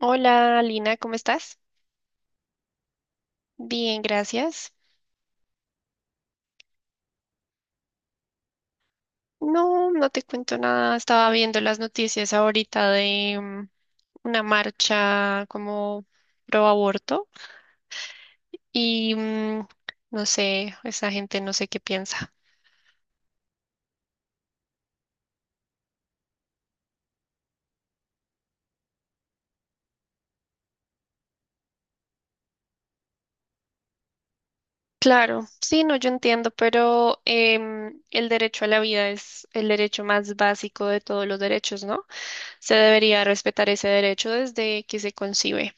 Hola Lina, ¿cómo estás? Bien, gracias. No, no te cuento nada. Estaba viendo las noticias ahorita de una marcha como pro aborto y no sé, esa gente no sé qué piensa. Claro, sí, no, yo entiendo, pero el derecho a la vida es el derecho más básico de todos los derechos, ¿no? Se debería respetar ese derecho desde que se concibe.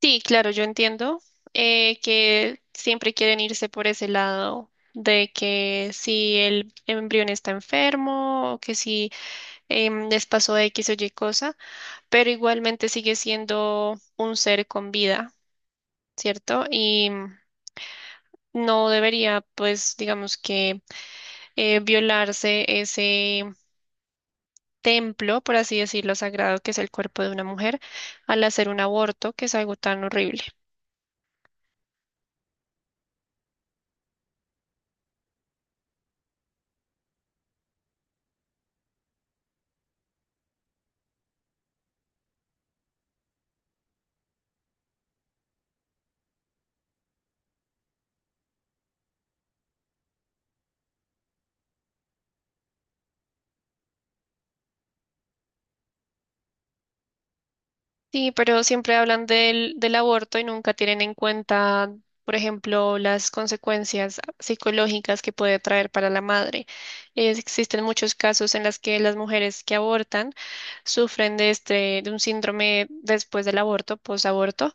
Sí, claro, yo entiendo que siempre quieren irse por ese lado de que si el embrión está enfermo o que si les pasó X o Y cosa, pero igualmente sigue siendo un ser con vida, ¿cierto? No debería, pues, digamos que violarse ese templo, por así decirlo, sagrado que es el cuerpo de una mujer al hacer un aborto, que es algo tan horrible. Sí, pero siempre hablan del aborto y nunca tienen en cuenta, por ejemplo, las consecuencias psicológicas que puede traer para la madre. Existen muchos casos en los que las mujeres que abortan sufren de un síndrome después del aborto, posaborto,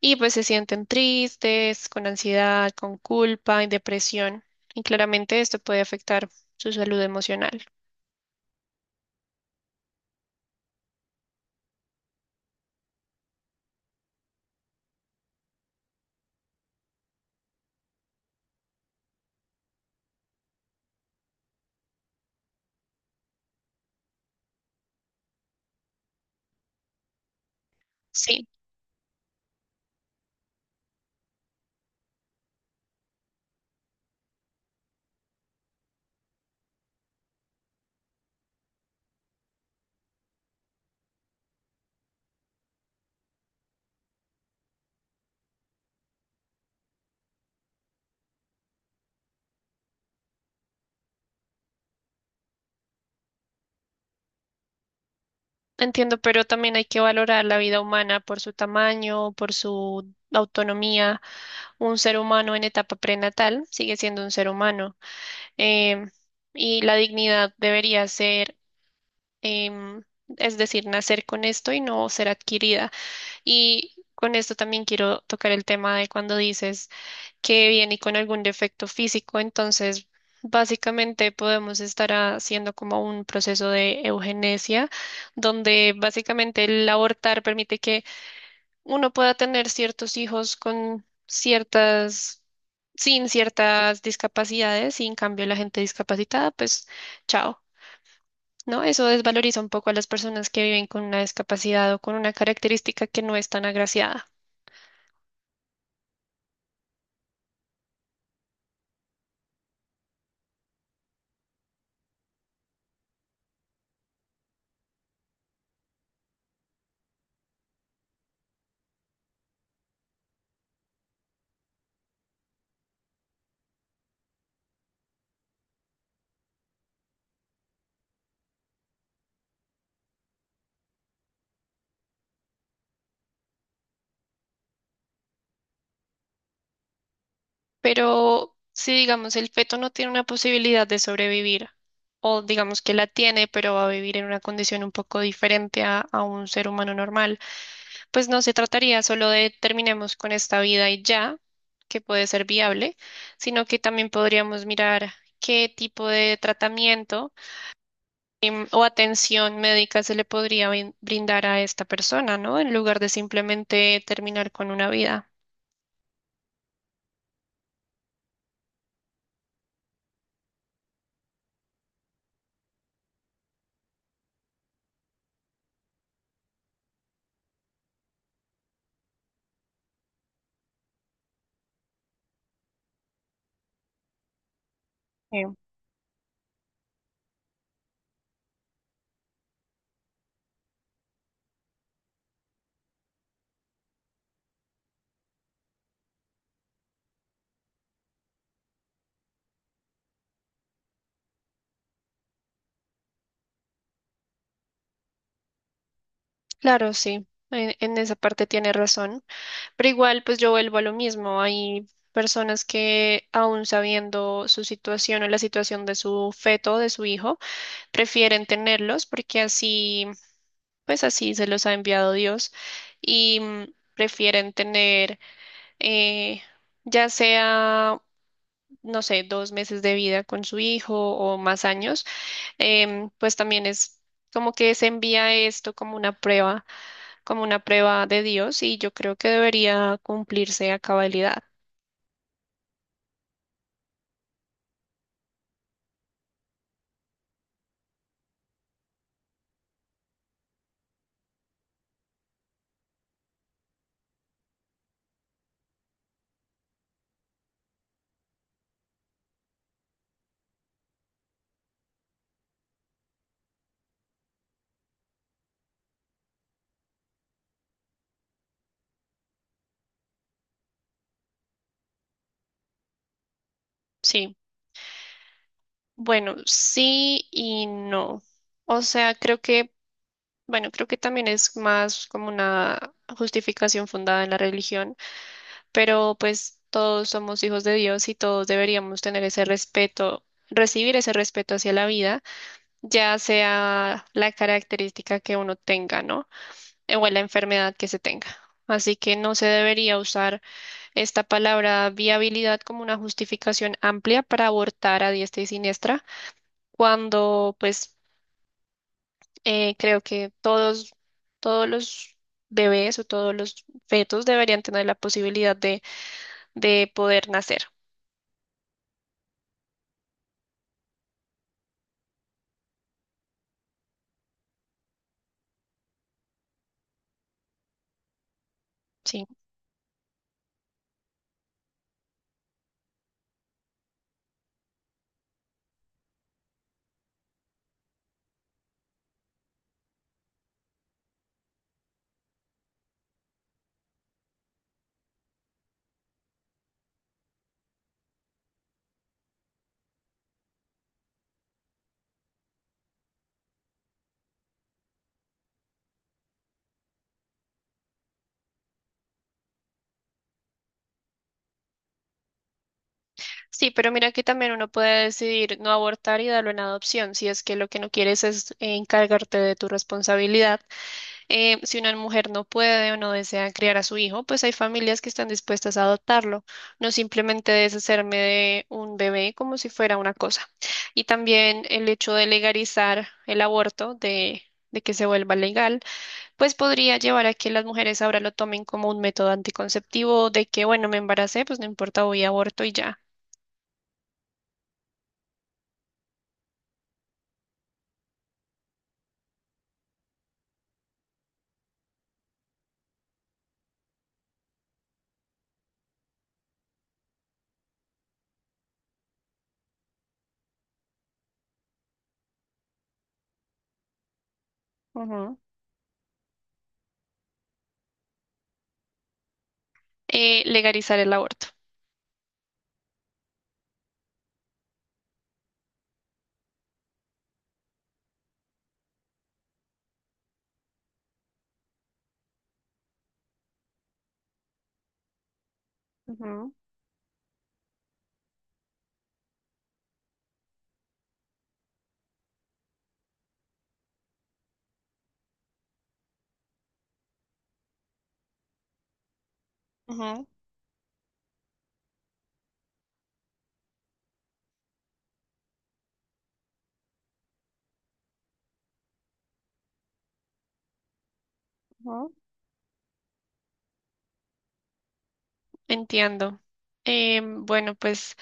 y pues se sienten tristes, con ansiedad, con culpa y depresión. Y claramente esto puede afectar su salud emocional. Sí. Entiendo, pero también hay que valorar la vida humana por su tamaño, por su autonomía. Un ser humano en etapa prenatal sigue siendo un ser humano em, y la dignidad debería em, es decir, nacer con esto y no ser adquirida. Y con esto también quiero tocar el tema de cuando dices que viene con algún defecto físico, entonces básicamente podemos estar haciendo como un proceso de eugenesia, donde básicamente el abortar permite que uno pueda tener ciertos hijos con sin ciertas discapacidades, y en cambio la gente discapacitada, pues chao. ¿No? Eso desvaloriza un poco a las personas que viven con una discapacidad o con una característica que no es tan agraciada. Pero si digamos el feto no tiene una posibilidad de sobrevivir, o digamos que la tiene, pero va a vivir en una condición un poco diferente a un ser humano normal, pues no se trataría solo de terminemos con esta vida y ya, que puede ser viable, sino que también podríamos mirar qué tipo de tratamiento o atención médica se le podría brindar a esta persona, ¿no? En lugar de simplemente terminar con una vida. Sí. Claro, sí, en esa parte tiene razón, pero igual pues yo vuelvo a lo mismo, hay personas que aún sabiendo su situación o la situación de su feto, de su hijo, prefieren tenerlos porque así, pues así se los ha enviado Dios y prefieren tener eh, ya sea, no sé, 2 meses de vida con su hijo o más años pues también es como que se envía esto como una prueba de Dios y yo creo que debería cumplirse a cabalidad. Sí, bueno, sí y no. O sea, bueno, creo que también es más como una justificación fundada en la religión, pero pues todos somos hijos de Dios y todos deberíamos tener ese respeto. Recibir ese respeto hacia la vida, ya sea la característica que uno tenga, ¿no? O en la enfermedad que se tenga. Así que no se debería usar esta palabra viabilidad como una justificación amplia para abortar a diestra y siniestra, cuando pues creo que todos los bebés o todos los fetos deberían tener la posibilidad de poder nacer. Sí. Sí, pero mira que también uno puede decidir no abortar y darlo en adopción si es que lo que no quieres es encargarte de tu responsabilidad. Si una mujer no puede o no desea criar a su hijo, pues hay familias que están dispuestas a adoptarlo, no simplemente deshacerme de un bebé como si fuera una cosa. Y también el hecho de legalizar el aborto, de que se vuelva legal, pues podría llevar a que las mujeres ahora lo tomen como un método anticonceptivo, de que, bueno, me embaracé, pues no importa, voy a aborto y ya. Ujú. Legalizar el aborto. Ujú. Ujú. Ujú. Entiendo. Em, bueno, pues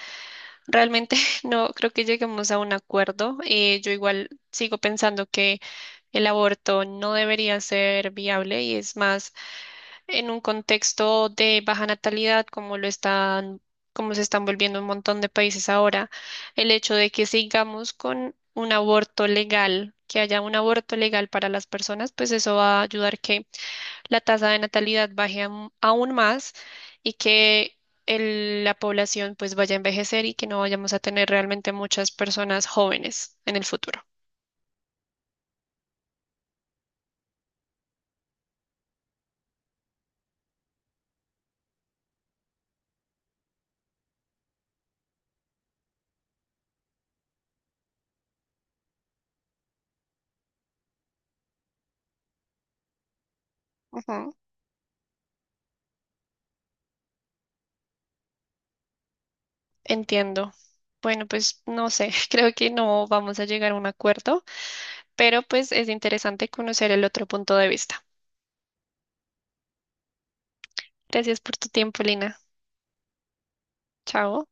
realmente no creo que lleguemos a un acuerdo. Yo igual sigo pensando que el aborto no debería ser viable y es más en un contexto de baja natalidad como lo están, como se están volviendo un montón de países ahora, el hecho de que sigamos con un aborto legal, que haya un aborto legal para las personas, pues eso va a ayudar que la tasa de natalidad baje aún más y que la población pues vaya a envejecer y que no vayamos a tener realmente muchas personas jóvenes en el futuro. Ujú. Entiendo. Bueno, pues no sé, creo que no vamos a llegar a un acuerdo, pero pues es interesante conocer el otro punto de vista. Gracias por tu tiempo, Lina. Chao.